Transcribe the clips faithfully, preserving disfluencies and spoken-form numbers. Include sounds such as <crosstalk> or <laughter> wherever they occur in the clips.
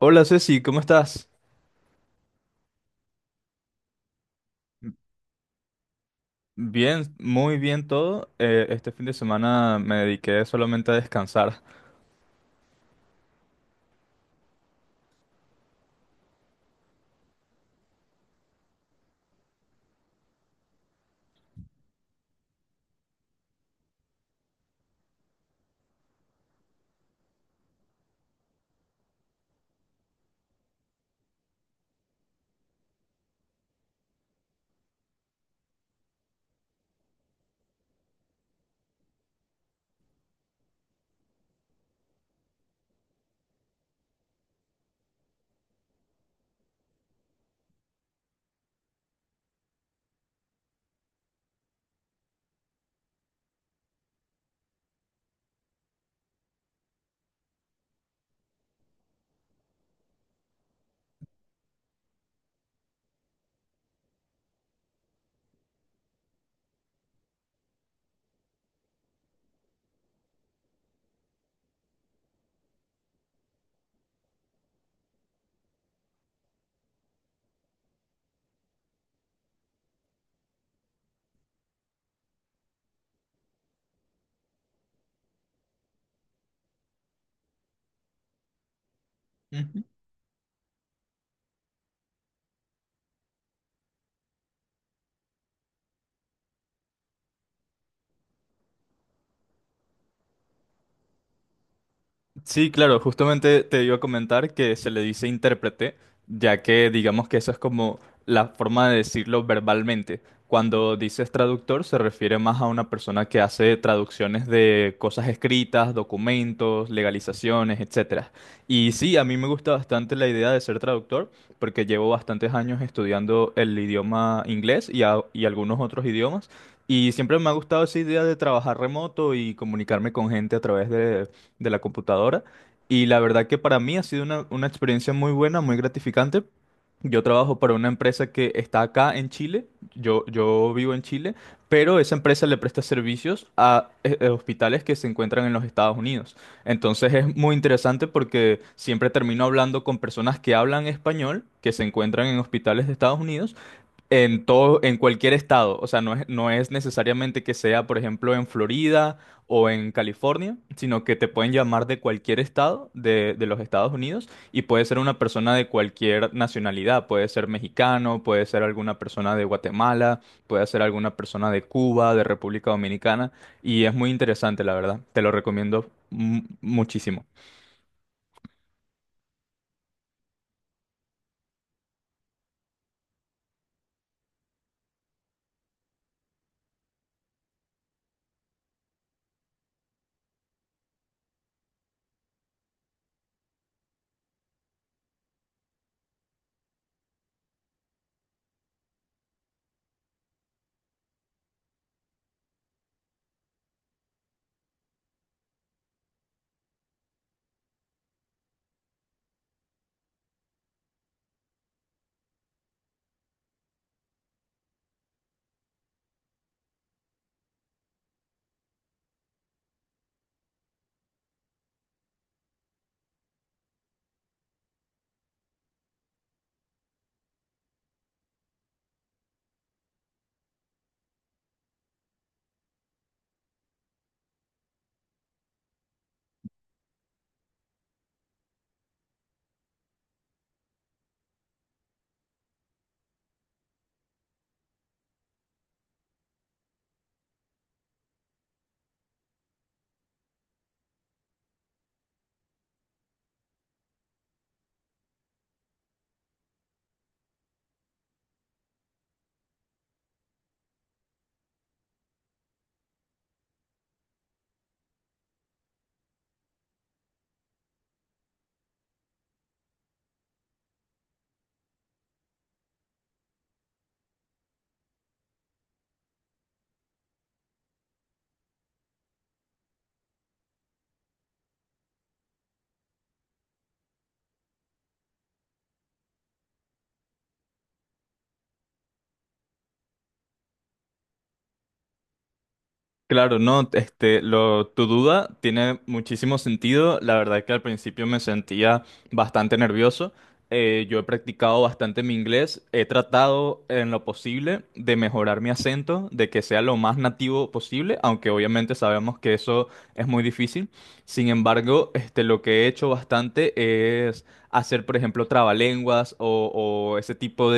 Hola Ceci, ¿cómo estás? Bien, muy bien todo. Eh, este fin de semana me dediqué solamente a descansar. Sí, claro, justamente te iba a comentar que se le dice intérprete, ya que digamos que eso es como la forma de decirlo verbalmente. Cuando dices traductor se refiere más a una persona que hace traducciones de cosas escritas, documentos, legalizaciones, etcétera. Y sí, a mí me gusta bastante la idea de ser traductor porque llevo bastantes años estudiando el idioma inglés y, a- y algunos otros idiomas. Y siempre me ha gustado esa idea de trabajar remoto y comunicarme con gente a través de de la computadora. Y la verdad que para mí ha sido una, una experiencia muy buena, muy gratificante. Yo trabajo para una empresa que está acá en Chile, yo, yo vivo en Chile, pero esa empresa le presta servicios a, eh, eh, hospitales que se encuentran en los Estados Unidos. Entonces es muy interesante porque siempre termino hablando con personas que hablan español, que se encuentran en hospitales de Estados Unidos en todo, en cualquier estado. O sea, no es, no es necesariamente que sea, por ejemplo, en Florida o en California, sino que te pueden llamar de cualquier estado de, de los Estados Unidos y puede ser una persona de cualquier nacionalidad. Puede ser mexicano, puede ser alguna persona de Guatemala, puede ser alguna persona de Cuba, de República Dominicana. Y es muy interesante, la verdad. Te lo recomiendo mu- muchísimo. Claro, no, este, lo, tu duda tiene muchísimo sentido. La verdad que al principio me sentía bastante nervioso. Eh, yo he practicado bastante mi inglés. He tratado en lo posible de mejorar mi acento, de que sea lo más nativo posible, aunque obviamente sabemos que eso es muy difícil. Sin embargo, este, lo que he hecho bastante es hacer, por ejemplo, trabalenguas o, o ese tipo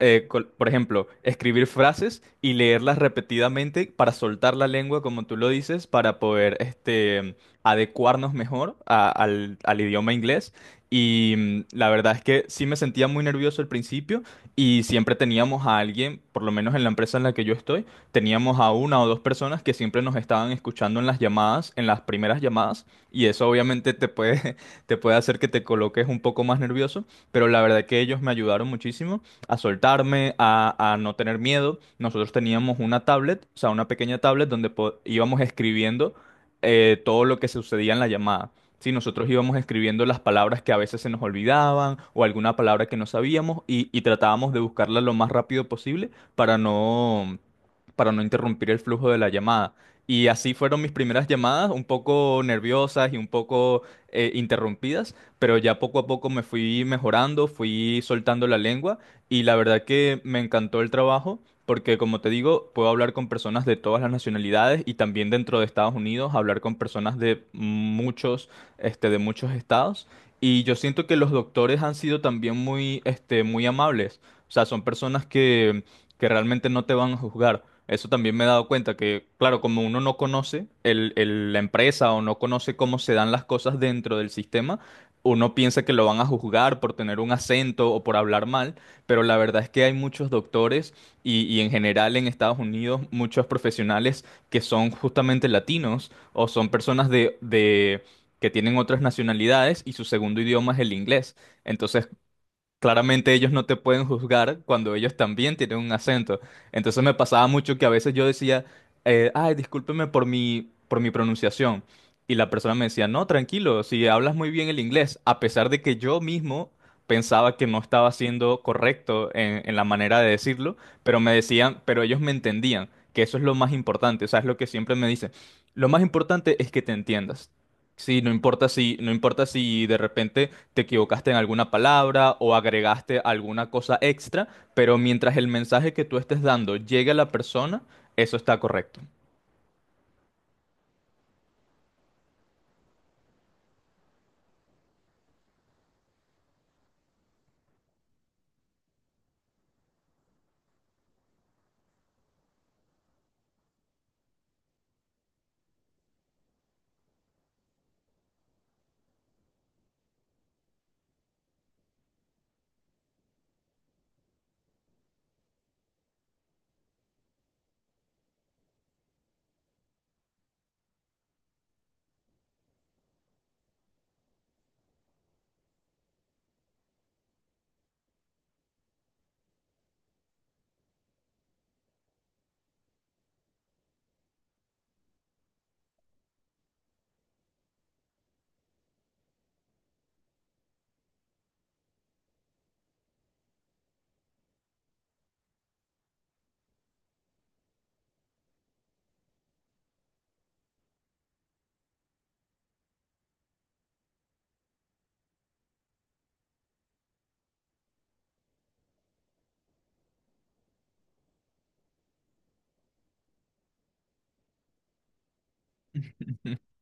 eh, col- por ejemplo, escribir frases y leerlas repetidamente para soltar la lengua, como tú lo dices, para poder este, adecuarnos mejor a- al, al idioma inglés. Y mm, la verdad es que sí me sentía muy nervioso al principio y siempre teníamos a alguien, por lo menos en la empresa en la que yo estoy, teníamos a una o dos personas que siempre nos estaban escuchando en las llamadas, en las primeras llamadas, y eso obviamente te puede, <laughs> te puede hacer que te coloques un poco más nervioso, pero la verdad que ellos me ayudaron muchísimo a soltarme, a, a no tener miedo. Nosotros teníamos una tablet, o sea, una pequeña tablet donde po- íbamos escribiendo eh, todo lo que sucedía en la llamada. Sí, nosotros íbamos escribiendo las palabras que a veces se nos olvidaban o alguna palabra que no sabíamos y, y tratábamos de buscarla lo más rápido posible para no, para no interrumpir el flujo de la llamada. Y así fueron mis primeras llamadas, un poco nerviosas y un poco eh, interrumpidas, pero ya poco a poco me fui mejorando, fui soltando la lengua y la verdad que me encantó el trabajo porque, como te digo, puedo hablar con personas de todas las nacionalidades y también dentro de Estados Unidos hablar con personas de muchos, este, de muchos estados. Y yo siento que los doctores han sido también muy, este, muy amables. O sea, son personas que, que realmente no te van a juzgar. Eso también me he dado cuenta que, claro, como uno no conoce el, el- la empresa o no conoce cómo se dan las cosas dentro del sistema, uno piensa que lo van a juzgar por tener un acento o por hablar mal, pero la verdad es que hay muchos doctores y, y en general en Estados Unidos muchos profesionales que son justamente latinos o son personas de, de- que tienen otras nacionalidades y su segundo idioma es el inglés. Entonces, claramente ellos no te pueden juzgar cuando ellos también tienen un acento. Entonces me pasaba mucho que a veces yo decía, eh, ay, discúlpeme por mi, por mi pronunciación. Y la persona me decía, no, tranquilo, si hablas muy bien el inglés, a pesar de que yo mismo pensaba que no estaba siendo correcto en, en la manera de decirlo, pero me decían, pero ellos me entendían, que eso es lo más importante, o sea, es lo que siempre me dicen. Lo más importante es que te entiendas. Sí, no importa si, no importa si de repente te equivocaste en alguna palabra o agregaste alguna cosa extra, pero mientras el mensaje que tú estés dando llegue a la persona, eso está correcto. <laughs>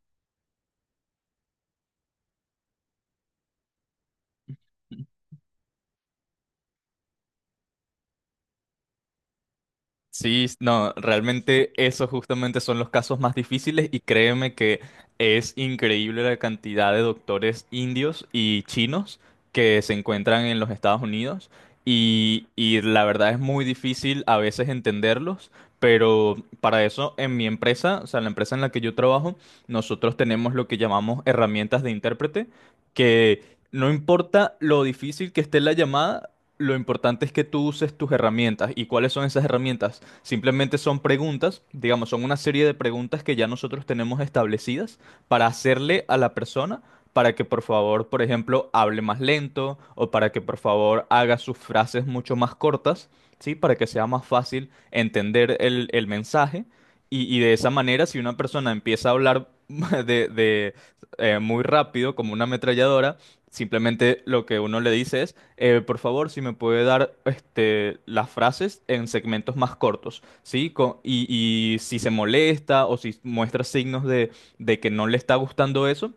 Sí, no, realmente esos justamente son los casos más difíciles y créeme que es increíble la cantidad de doctores indios y chinos que se encuentran en los Estados Unidos y, y la verdad es muy difícil a veces entenderlos, pero para eso en mi empresa, o sea, la empresa en la que yo trabajo, nosotros tenemos lo que llamamos herramientas de intérprete, que no importa lo difícil que esté la llamada, lo importante es que tú uses tus herramientas. ¿Y cuáles son esas herramientas? Simplemente son preguntas, digamos, son una serie de preguntas que ya nosotros tenemos establecidas para hacerle a la persona para que por favor, por ejemplo, hable más lento o para que por favor haga sus frases mucho más cortas, ¿sí? Para que sea más fácil entender el, el mensaje. Y, y de esa manera, si una persona empieza a hablar <laughs> de, de, eh, muy rápido, como una ametralladora, simplemente lo que uno le dice es... Eh, por favor, si me puede dar este, las frases en segmentos más cortos, ¿sí? Co- y, y si se molesta o si muestra signos de, de que no le está gustando eso,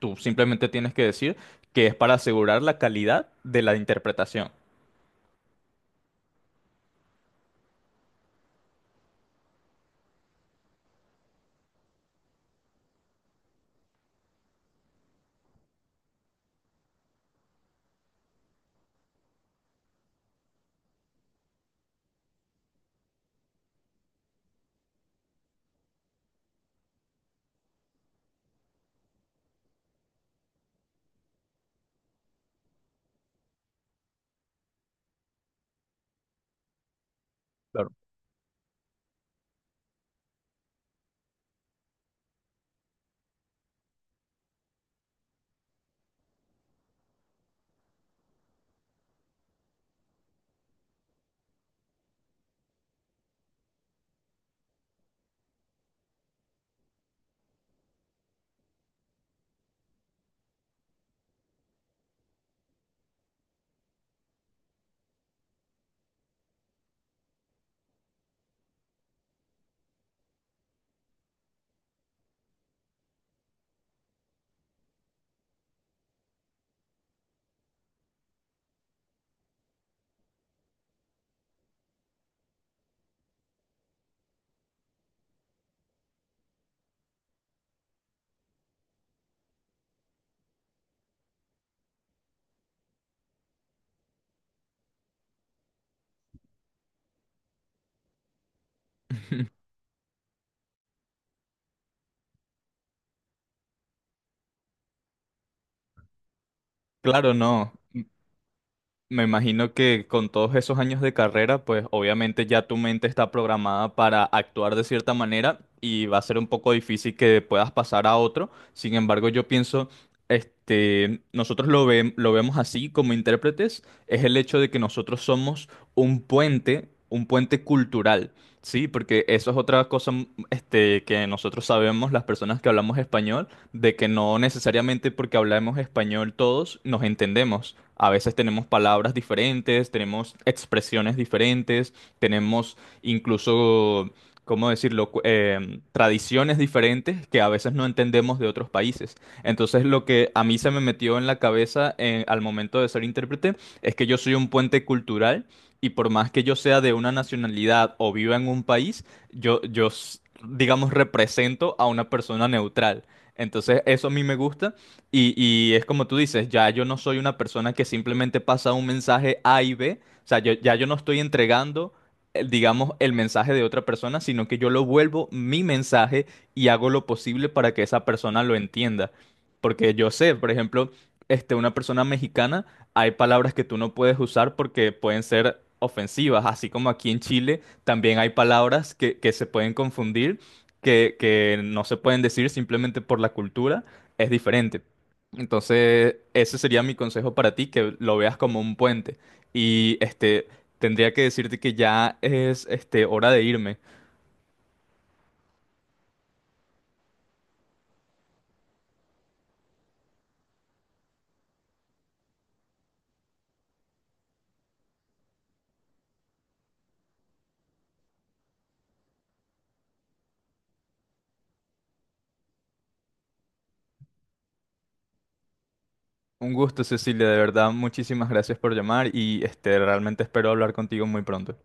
tú simplemente tienes que decir que es para asegurar la calidad de la interpretación. Claro. Claro, no. Me imagino que con todos esos años de carrera, pues obviamente ya tu mente está programada para actuar de cierta manera y va a ser un poco difícil que puedas pasar a otro. Sin embargo, yo pienso, este, nosotros lo ve- lo vemos así como intérpretes, es el hecho de que nosotros somos un puente, un puente cultural, ¿sí? Porque eso es otra cosa, mm, este, que nosotros sabemos, las personas que hablamos español, de que no necesariamente porque hablamos español todos nos entendemos. A veces tenemos palabras diferentes, tenemos expresiones diferentes, tenemos incluso, ¿cómo decirlo?, Cu- em, tradiciones diferentes que a veces no entendemos de otros países. Entonces lo que a mí se me metió en la cabeza eh, al momento de ser intérprete es que yo soy un puente cultural y por más que yo sea de una nacionalidad o viva en un país, yo, yo s- digamos, represento a una persona neutral. Entonces, eso a mí me gusta y, y es como tú dices, ya yo no soy una persona que simplemente pasa un mensaje A y B, o sea, yo, ya yo no estoy entregando, eh, digamos, el mensaje de otra persona, sino que yo lo vuelvo mi mensaje y hago lo posible para que esa persona lo entienda. Porque yo sé, por ejemplo, este, una persona mexicana, hay palabras que tú no puedes usar porque pueden ser ofensivas, así como aquí en Chile también hay palabras que, que se pueden confundir que, que no se pueden decir simplemente por la cultura, es diferente. Entonces, ese sería mi consejo para ti, que lo veas como un puente. Y este, tendría que decirte que ya es este, hora de irme. Un gusto, Cecilia, de verdad, muchísimas gracias por llamar y este, realmente espero hablar contigo muy pronto.